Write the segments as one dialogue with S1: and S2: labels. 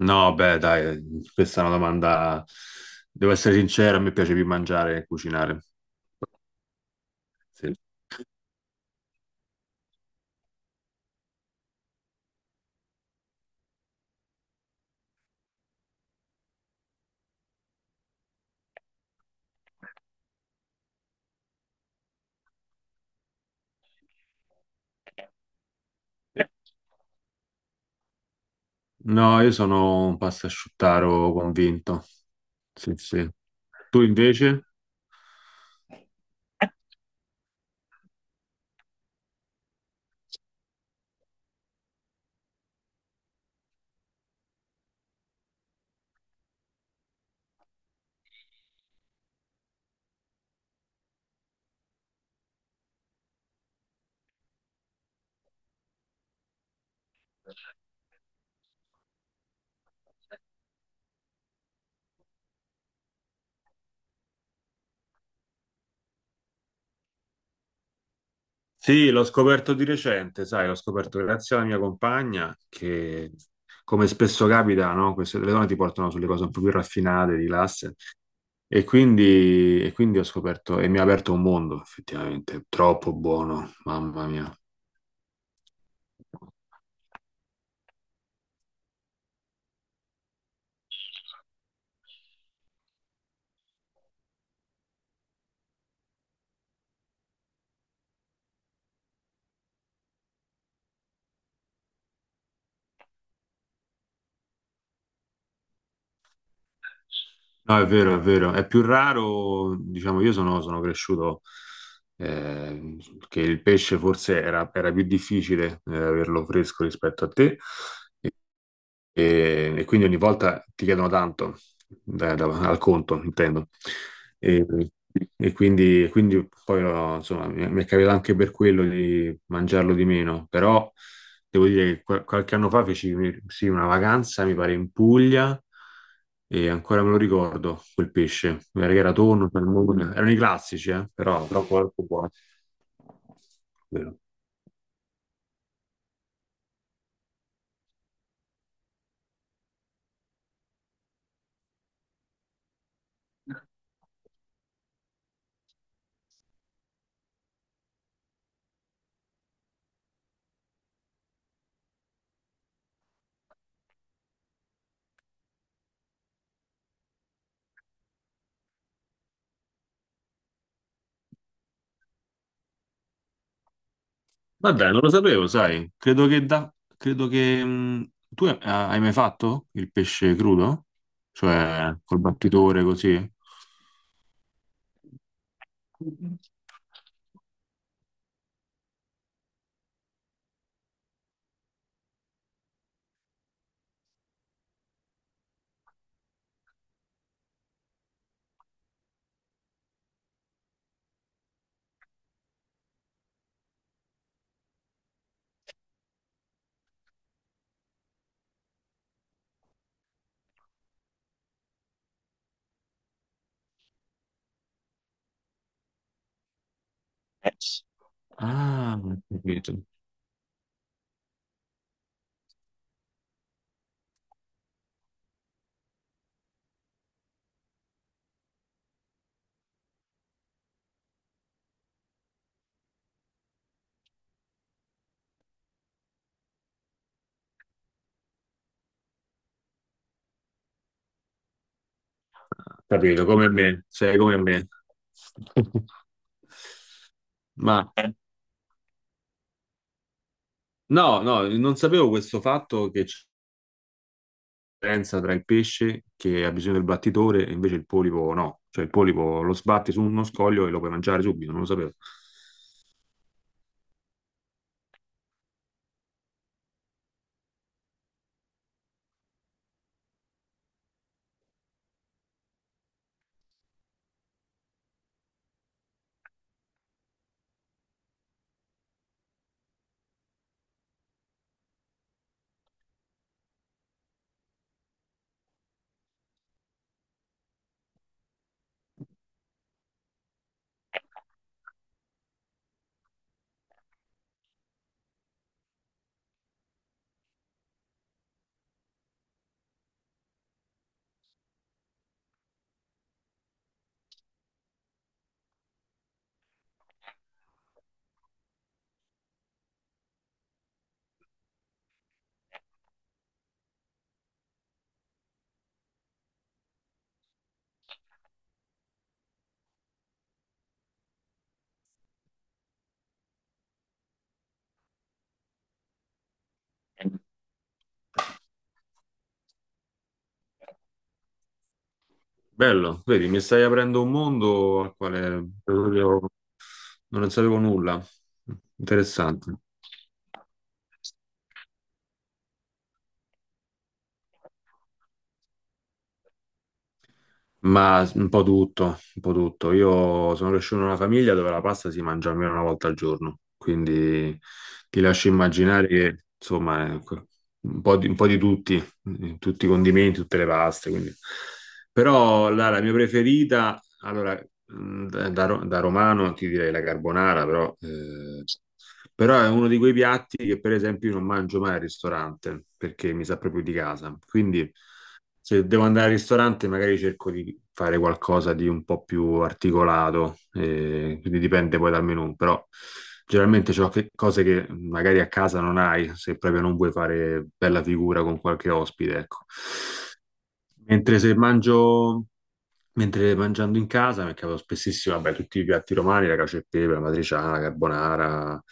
S1: No, beh, dai, questa è una domanda. Devo essere sincero, a me piace più mangiare che cucinare. Sì. No, io sono un pastasciuttaro convinto. Sì, sì. Tu invece? Sì, l'ho scoperto di recente, sai, l'ho scoperto grazie alla mia compagna che, come spesso capita, no? Queste le donne ti portano sulle cose un po' più raffinate, di classe. E quindi ho scoperto, e mi ha aperto un mondo, effettivamente, troppo buono, mamma mia. No, è vero, è vero. È più raro, diciamo, io sono, sono cresciuto eh, che il pesce forse era, era più difficile averlo fresco rispetto a te, e quindi ogni volta ti chiedono tanto, al conto, intendo. E, e quindi, quindi poi, no, insomma, mi è capitato anche per quello di mangiarlo di meno. Però devo dire che qualche anno fa feci sì, una vacanza, mi pare, in Puglia, e ancora me lo ricordo, quel pesce. Era, era tonno, salmone, erano i classici, però troppo, troppo buono. Vero. Ma dai, non lo sapevo, sai. Credo che da... Credo che... tu hai hai mai fatto il pesce crudo? Cioè, col battitore così? Ah, ho capito. Capito, come me. Sei come me. Ma no, no, non sapevo questo fatto che c'è una differenza tra il pesce che ha bisogno del battitore e invece il polipo no. Cioè il polipo lo sbatti su uno scoglio e lo puoi mangiare subito, non lo sapevo. Bello, vedi, mi stai aprendo un mondo al quale proprio non ne sapevo nulla. Interessante. Ma un po' tutto, un po' tutto. Io sono cresciuto in una famiglia dove la pasta si mangia almeno una volta al giorno, quindi ti lascio immaginare che, insomma, è un po' di tutti, tutti i condimenti, tutte le paste. Quindi. Però la, la mia preferita, allora, da, da romano ti direi la carbonara, però, però è uno di quei piatti che, per esempio, io non mangio mai al ristorante perché mi sa proprio di casa. Quindi se devo andare al ristorante, magari cerco di fare qualcosa di un po' più articolato, quindi dipende poi dal menù, però generalmente c'ho cose che magari a casa non hai, se proprio non vuoi fare bella figura con qualche ospite, ecco. Mentre se mangio Mentre mangiando in casa mi capitava spessissimo, vabbè, tutti i piatti romani, la cacio e pepe, la matriciana, la carbonara,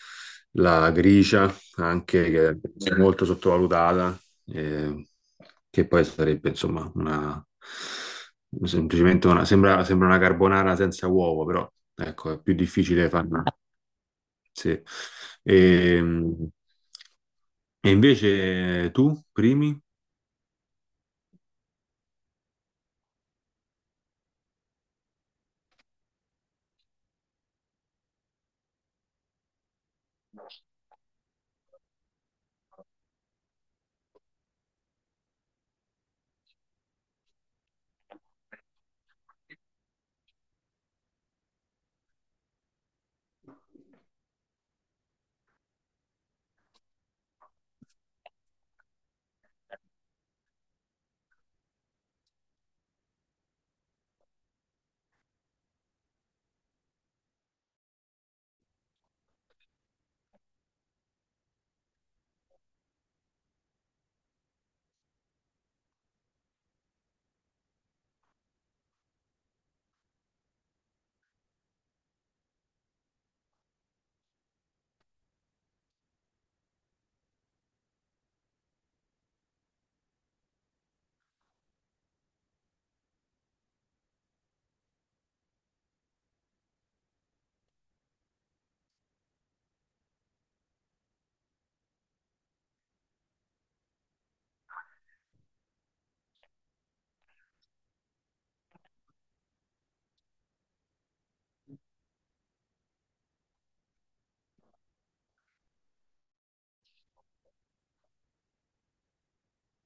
S1: la gricia, anche che è molto sottovalutata, eh, che poi sarebbe, insomma, una, semplicemente una, sembra, sembra una carbonara senza uovo, però, ecco, è più difficile farla, sì. E, e invece tu, primi?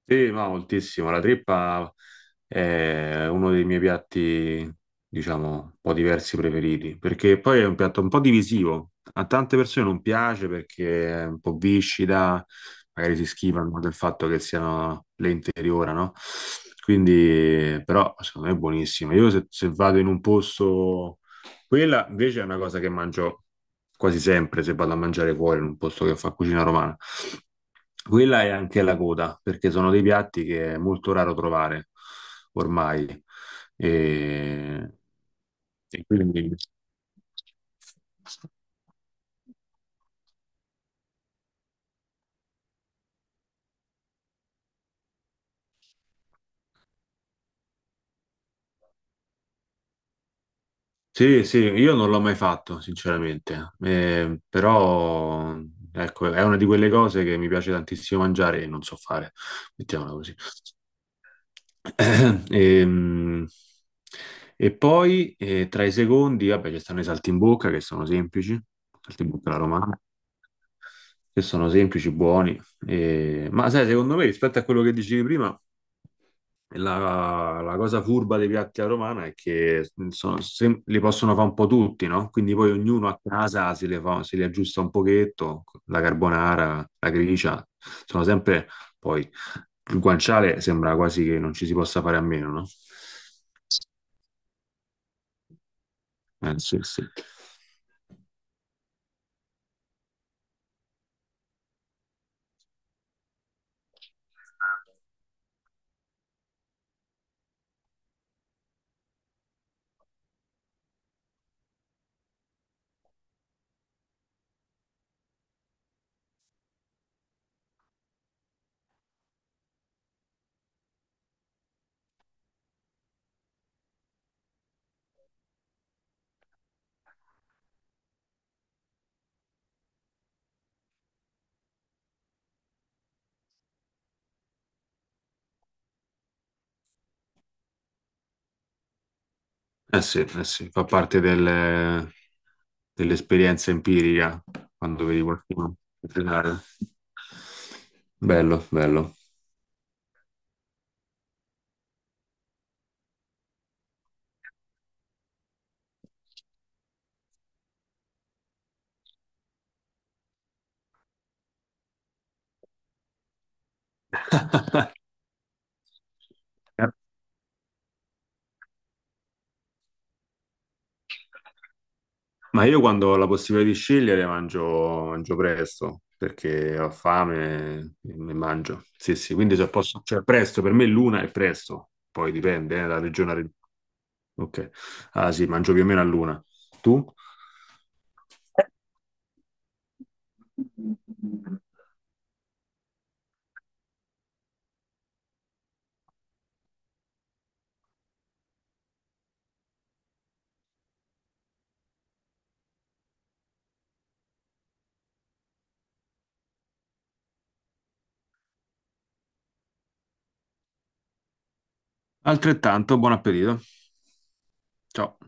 S1: Sì, ma moltissimo. La trippa è uno dei miei piatti, diciamo, un po' diversi preferiti, perché poi è un piatto un po' divisivo. A tante persone non piace perché è un po' viscida, magari si schifano del fatto che siano lente interiora, no? Quindi, però, secondo me è buonissima. Io se, se vado in un posto, quella invece è una cosa che mangio quasi sempre se vado a mangiare fuori in un posto che fa cucina romana. Quella è anche la coda, perché sono dei piatti che è molto raro trovare ormai. E, e quindi sì, sì, io non l'ho mai fatto, sinceramente. Però ecco, è una di quelle cose che mi piace tantissimo mangiare e non so fare, mettiamola così. Ehm, E poi tra i secondi, vabbè, ci stanno i saltimbocca che sono semplici, saltimbocca alla romana, che sono semplici, buoni. E ma sai, secondo me, rispetto a quello che dicevi prima, la, la cosa furba dei piatti alla romana è che li possono fare un po' tutti, no? Quindi poi ognuno a casa se li aggiusta un pochetto, la carbonara, la gricia, sono sempre poi il guanciale sembra quasi che non ci si possa fare a meno, no? Eh sì, sì. Eh sì, eh sì, fa parte dell'esperienza empirica quando vedi qualcuno cucinare. Bello, bello. Eh, Ma io quando ho la possibilità di scegliere mangio, mangio presto, perché ho fame e mangio. Sì, sì, quindi se posso, cioè presto, per me l'una è presto, poi dipende, da regione a regione. Ok, ah sì, mangio più o meno all'una. Tu? Altrettanto, buon appetito. Ciao.